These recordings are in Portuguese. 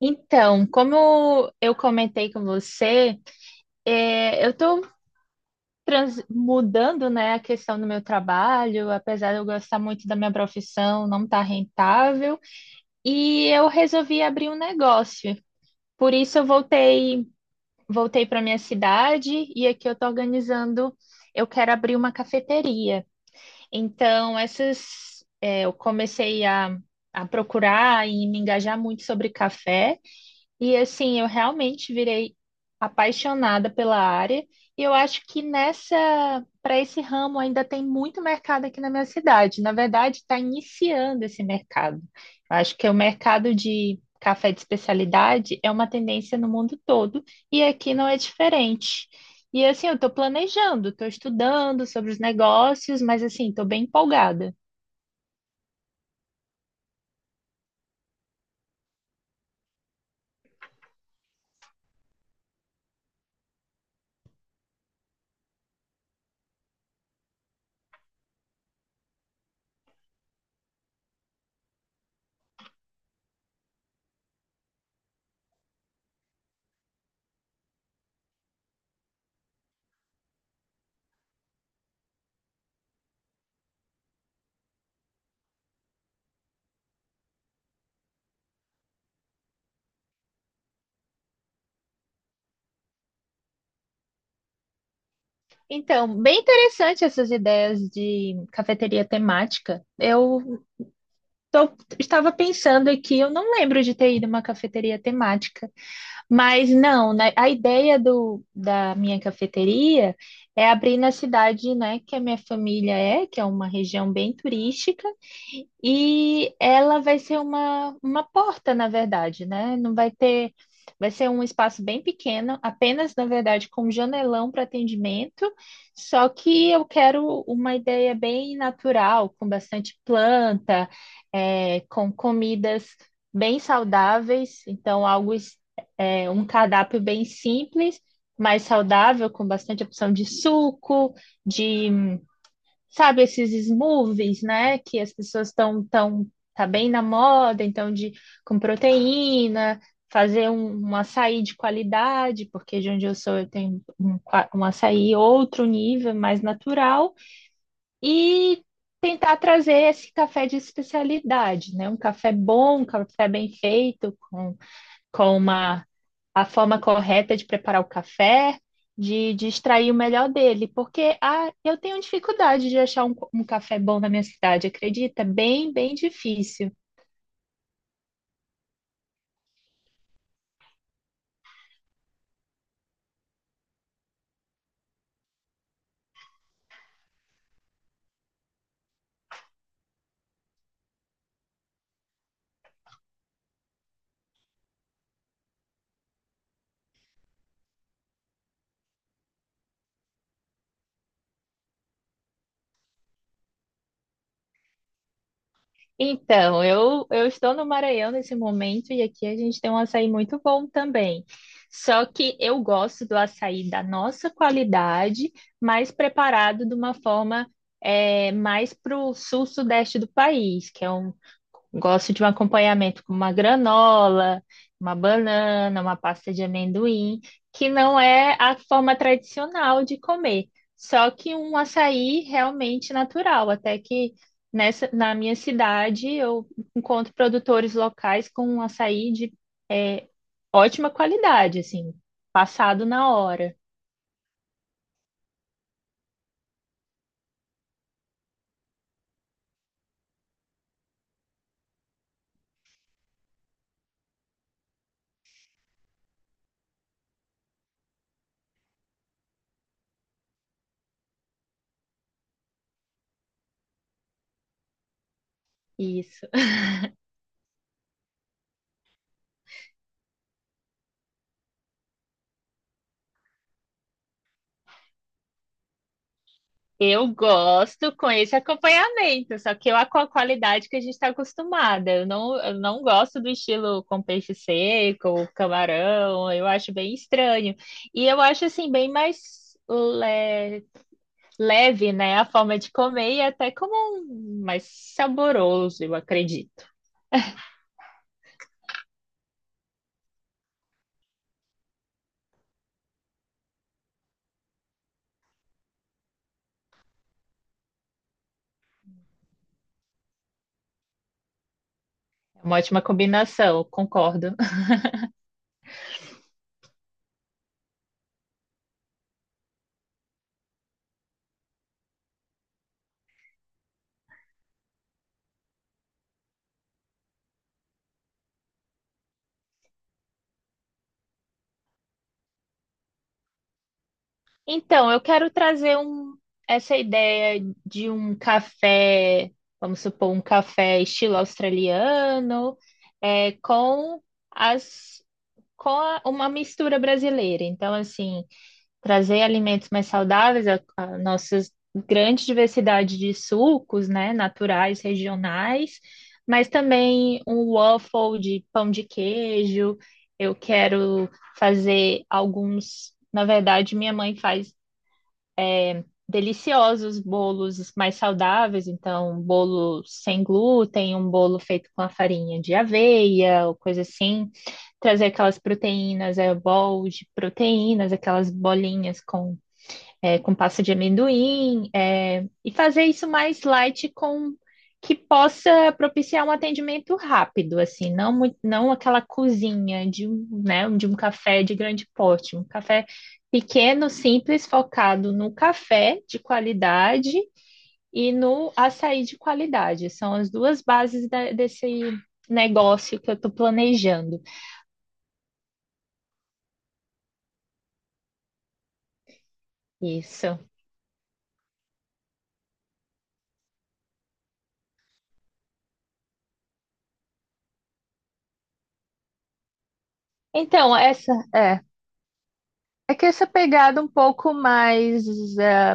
Então, como eu comentei com você, eu estou mudando, né, a questão do meu trabalho, apesar de eu gostar muito da minha profissão, não está rentável, e eu resolvi abrir um negócio. Por isso eu voltei para minha cidade e aqui eu estou organizando, eu quero abrir uma cafeteria. Então, eu comecei a procurar e me engajar muito sobre café. E assim, eu realmente virei apaixonada pela área e eu acho que nessa para esse ramo ainda tem muito mercado aqui na minha cidade. Na verdade, está iniciando esse mercado. Eu acho que o mercado de café de especialidade é uma tendência no mundo todo e aqui não é diferente. E assim, eu estou planejando, estou estudando sobre os negócios, mas assim, estou bem empolgada. Então, bem interessante essas ideias de cafeteria temática. Estava pensando aqui, eu não lembro de ter ido a uma cafeteria temática, mas não, né, a ideia da minha cafeteria é abrir na cidade, né, que a minha que é uma região bem turística, e ela vai ser uma porta, na verdade, né? Não vai ter. Vai ser um espaço bem pequeno, apenas, na verdade, com um janelão para atendimento. Só que eu quero uma ideia bem natural, com bastante planta, com comidas bem saudáveis. Então, um cardápio bem simples, mais saudável, com bastante opção de suco, sabe, esses smoothies, né? Que as pessoas tá bem na moda, então, de com proteína, fazer um açaí de qualidade, porque de onde eu sou eu tenho um açaí outro nível, mais natural, e tentar trazer esse café de especialidade, né? Um café bom, um café bem feito, com uma a forma correta de preparar o café, de extrair o melhor dele, porque eu tenho dificuldade de achar um café bom na minha cidade, acredita? Bem difícil. Então, eu estou no Maranhão nesse momento e aqui a gente tem um açaí muito bom também. Só que eu gosto do açaí da nossa qualidade, mas preparado de uma forma mais para o sul-sudeste do país, que é um, gosto de um acompanhamento com uma granola, uma banana, uma pasta de amendoim, que não é a forma tradicional de comer, só que um açaí realmente natural. Até que na minha cidade eu encontro produtores locais com um açaí de é, ótima qualidade, assim, passado na hora. Isso. Eu gosto com esse acompanhamento, só que eu com a qualidade que a gente está acostumada. Eu não gosto do estilo com peixe seco, camarão, eu acho bem estranho. E eu acho assim, leve, né? A forma de comer e até como mais saboroso, eu acredito. É uma ótima combinação, concordo. Então, eu quero trazer essa ideia de um café, vamos supor, um café estilo australiano, com as uma mistura brasileira. Então, assim, trazer alimentos mais saudáveis, a nossa grande diversidade de sucos, né, naturais, regionais, mas também um waffle de pão de queijo. Eu quero fazer alguns. Na verdade, minha mãe faz deliciosos bolos mais saudáveis, então um bolo sem glúten, um bolo feito com a farinha de aveia, ou coisa assim, trazer aquelas proteínas, bol de proteínas, aquelas bolinhas com com pasta de amendoim, e fazer isso mais light com que possa propiciar um atendimento rápido, assim, não aquela cozinha de de um café de grande porte, um café pequeno, simples, focado no café de qualidade e no açaí de qualidade. São as duas bases desse negócio que eu estou planejando. Isso. Então, é que essa pegada um pouco mais é,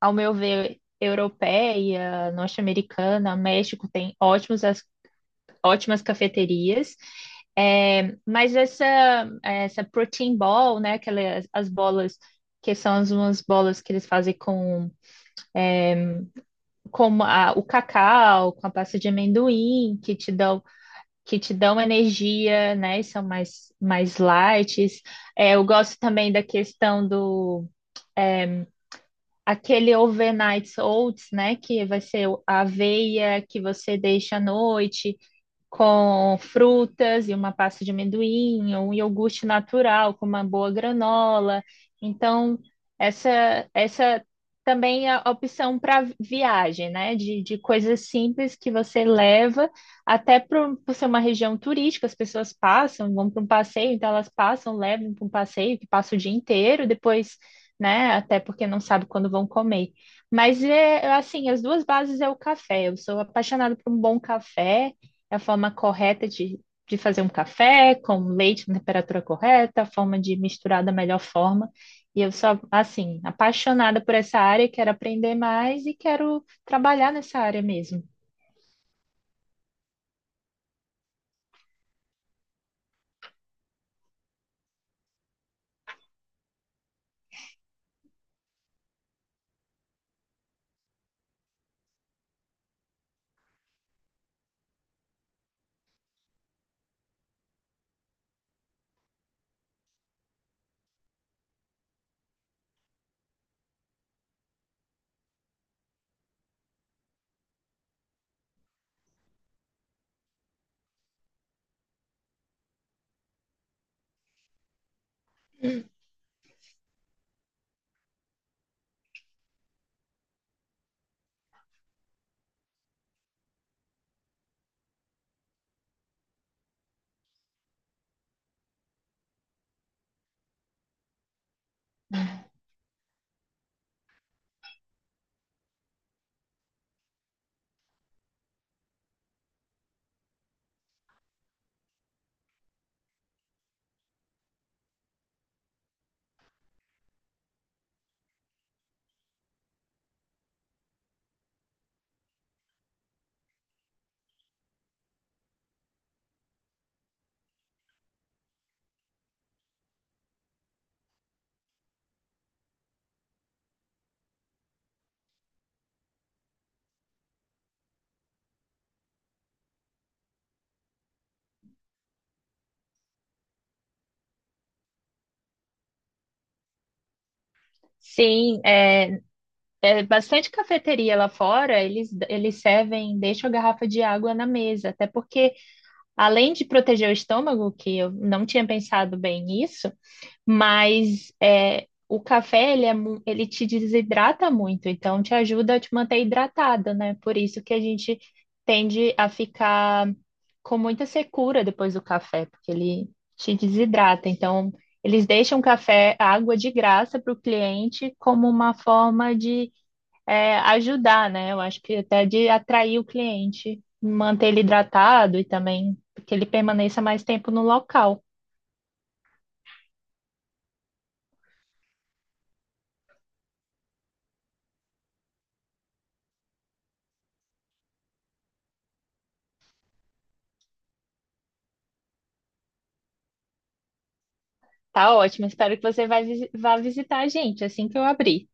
ao meu ver, europeia, norte-americana, México tem ótimas cafeterias, é, mas essa, essa protein ball, né, aquelas, as bolas que são as umas bolas que eles fazem o cacau, com a pasta de amendoim, que te dão energia, né, e são mais, mais light. É, eu gosto também da questão do aquele overnight oats, né? Que vai ser a aveia que você deixa à noite, com frutas e uma pasta de amendoim, ou um iogurte natural com uma boa granola. Então, essa, essa também é a opção para viagem, né? De coisas simples que você leva, até por ser uma região turística, as pessoas passam, vão para um passeio, então elas passam, levam para um passeio que passa o dia inteiro, depois, né? Até porque não sabe quando vão comer. Mas é assim, as duas bases é o café. Eu sou apaixonada por um bom café. É a forma correta de fazer um café com leite na temperatura correta, a forma de misturar da melhor forma. E eu sou, assim, apaixonada por essa área, quero aprender mais e quero trabalhar nessa área mesmo. Sim, é bastante cafeteria lá fora, eles servem, deixam a garrafa de água na mesa, até porque, além de proteger o estômago, que eu não tinha pensado bem nisso, mas é, o café, ele te desidrata muito, então te ajuda a te manter hidratada, né? Por isso que a gente tende a ficar com muita secura depois do café, porque ele te desidrata. Então, eles deixam o café, a água de graça para o cliente como uma forma de ajudar, né? Eu acho que até de atrair o cliente, manter ele hidratado e também que ele permaneça mais tempo no local. Tá ótimo, espero que você vá visitar a gente assim que eu abrir.